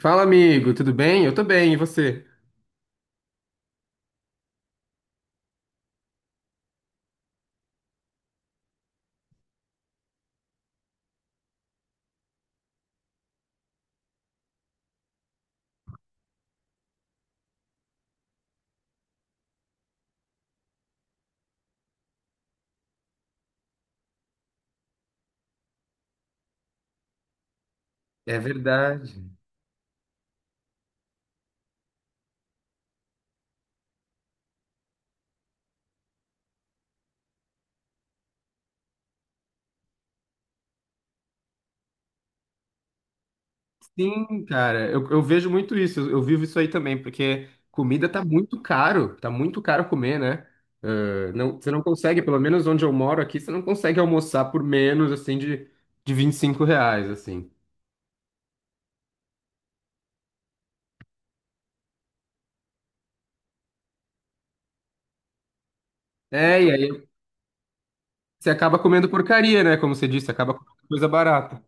Fala, amigo, tudo bem? Eu tô bem, e você? É verdade. Sim, cara, eu vejo muito isso, eu vivo isso aí também, porque comida tá muito caro comer, né? Ah, não, você não consegue, pelo menos onde eu moro aqui, você não consegue almoçar por menos, assim, de 25 reais, assim. É, e aí você acaba comendo porcaria, né? Como você disse, acaba comendo coisa barata.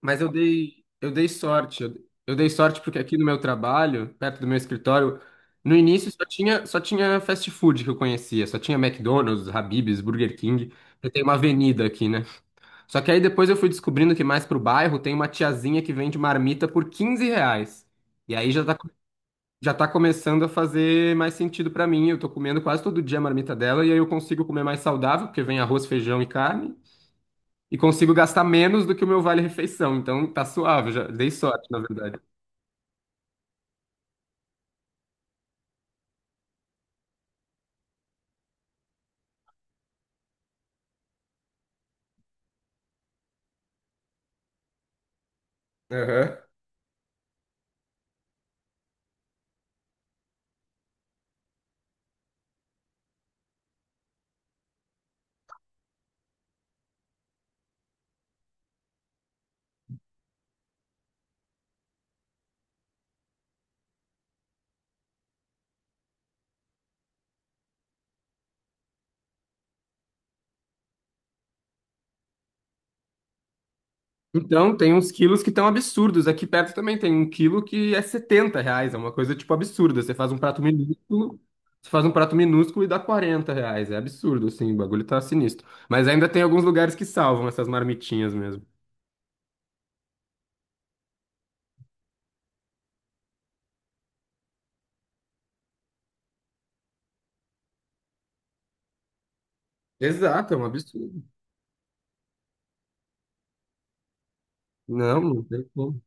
Mas eu dei sorte. Eu dei sorte porque aqui no meu trabalho, perto do meu escritório, no início só tinha fast food que eu conhecia, só tinha McDonald's, Habib's, Burger King. Eu tenho uma avenida aqui, né? Só que aí depois eu fui descobrindo que mais pro bairro tem uma tiazinha que vende marmita por 15 reais. E aí já tá, já tá começando a fazer mais sentido pra mim. Eu tô comendo quase todo dia a marmita dela e aí eu consigo comer mais saudável, porque vem arroz, feijão e carne e consigo gastar menos do que o meu vale-refeição. Então tá suave, já dei sorte, na verdade. Aham. Então tem uns quilos que estão absurdos. Aqui perto também tem um quilo que é 70 reais, é uma coisa tipo absurda. Você faz um prato minúsculo, você faz um prato minúsculo e dá 40 reais. É absurdo, assim, o bagulho tá sinistro. Mas ainda tem alguns lugares que salvam essas marmitinhas mesmo. Exato, é um absurdo. Não, não tem como.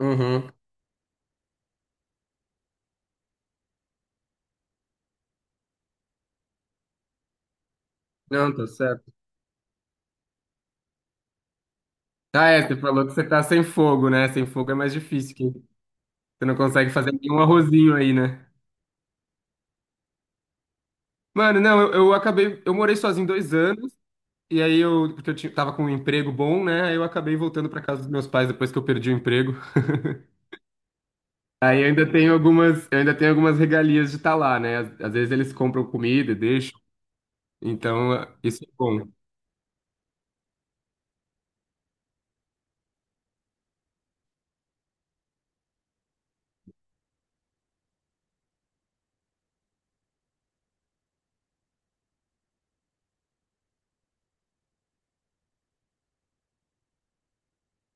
Uhum. Não, tá certo. Ah, é, você falou que você tá sem fogo, né? Sem fogo é mais difícil. Você não consegue fazer nenhum arrozinho aí, né? Mano, não, eu acabei. Eu morei sozinho 2 anos, e aí eu. Porque eu tava com um emprego bom, né? Aí eu acabei voltando pra casa dos meus pais depois que eu perdi o emprego. Aí eu ainda tenho algumas regalias de estar lá, né? Às vezes eles compram comida, e deixam. Então, isso é bom.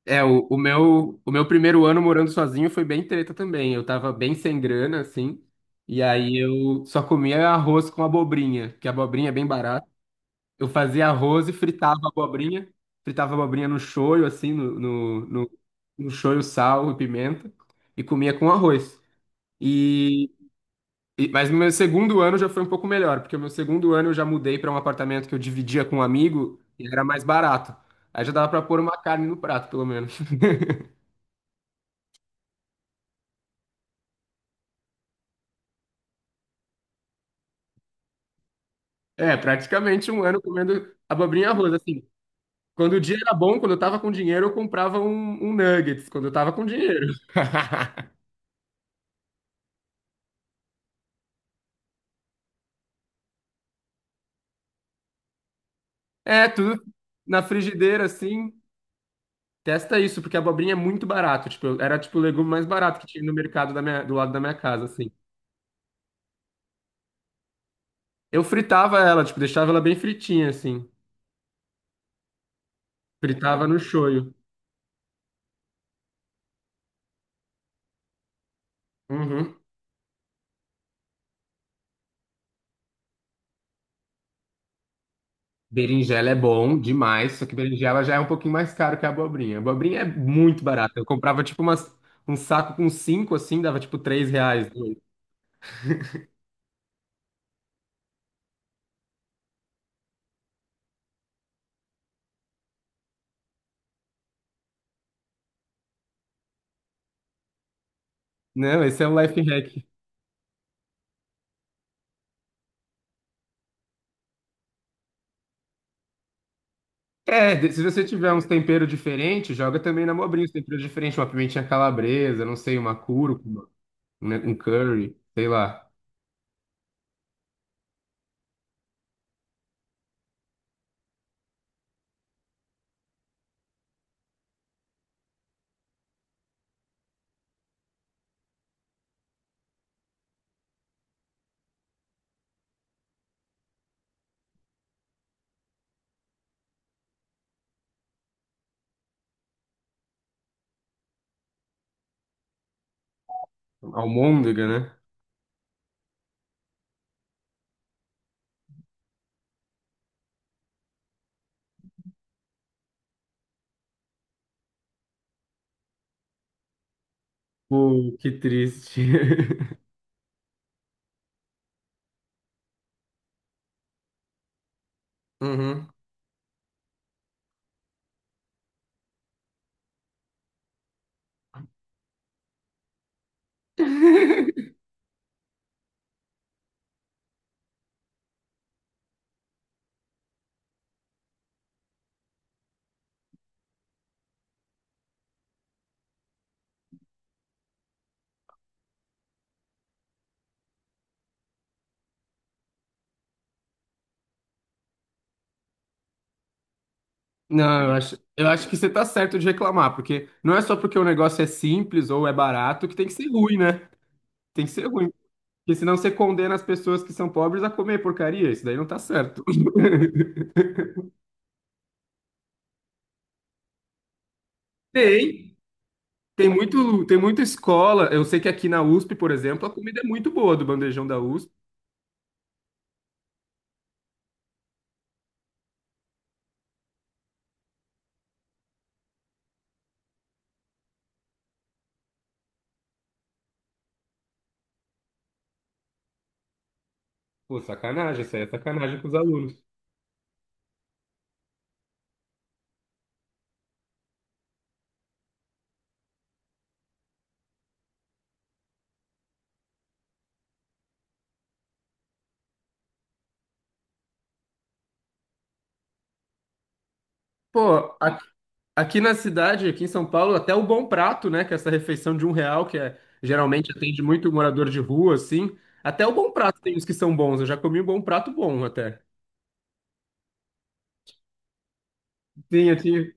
É, o meu primeiro ano morando sozinho foi bem treta também. Eu tava bem sem grana, assim. E aí eu só comia arroz com abobrinha, que a abobrinha é bem barata. Eu fazia arroz e fritava abobrinha. Fritava abobrinha no shoyu, assim, no shoyu, sal e pimenta. E comia com arroz. E, mas no meu segundo ano já foi um pouco melhor, porque no meu segundo ano eu já mudei para um apartamento que eu dividia com um amigo e era mais barato. Aí já dava para pôr uma carne no prato, pelo menos. É, praticamente um ano comendo abobrinha e arroz, assim. Quando o dia era bom, quando eu tava com dinheiro, eu comprava um nuggets, quando eu tava com dinheiro. É, tudo na frigideira, assim. Testa isso, porque a abobrinha é muito barato. Tipo, era tipo o legume mais barato que tinha no mercado da do lado da minha casa, assim. Eu fritava ela, tipo, deixava ela bem fritinha, assim. Fritava no shoyu. Uhum. Berinjela é bom demais, só que berinjela já é um pouquinho mais caro que a abobrinha. A abobrinha é muito barata. Eu comprava, tipo, um saco com cinco, assim, dava, tipo, 3 reais. Não, esse é um life hack. É, se você tiver uns temperos diferentes, joga também na abobrinha, uns temperos diferentes, tipo, uma pimentinha calabresa, não sei, uma cúrcuma, né, um curry, sei lá. Almôndega, né? Pô, que triste. Uhum. Não, eu acho que você tá certo de reclamar, porque não é só porque o negócio é simples ou é barato que tem que ser ruim, né? Tem que ser ruim. Porque senão você condena as pessoas que são pobres a comer porcaria. Isso daí não tá certo. Tem, tem muita escola. Eu sei que aqui na USP, por exemplo, a comida é muito boa do bandejão da USP. Pô, sacanagem, isso aí é sacanagem com os alunos. Pô, aqui na cidade, aqui em São Paulo, até o Bom Prato, né, que é essa refeição de 1 real, que é, geralmente atende muito morador de rua, assim. Até o Bom Prato tem uns que são bons. Eu já comi um Bom Prato bom até. Sim, aqui.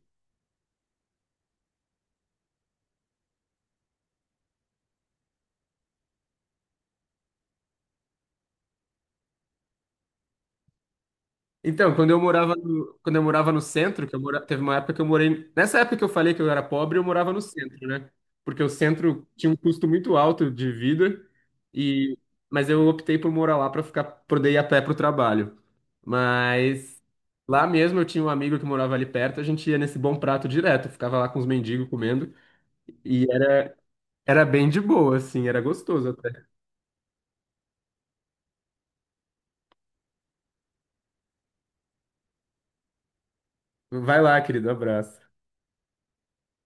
Então, quando eu morava no centro, que eu mora, teve uma época que eu morei. Nessa época que eu falei que eu era pobre, eu morava no centro, né? Porque o centro tinha um custo muito alto de vida, e, mas eu optei por morar lá para ficar, poder ir a pé para o trabalho. Mas lá mesmo eu tinha um amigo que morava ali perto, a gente ia nesse bom prato direto, ficava lá com os mendigos comendo, e era, era bem de boa, assim, era gostoso até. Vai lá, querido, abraço.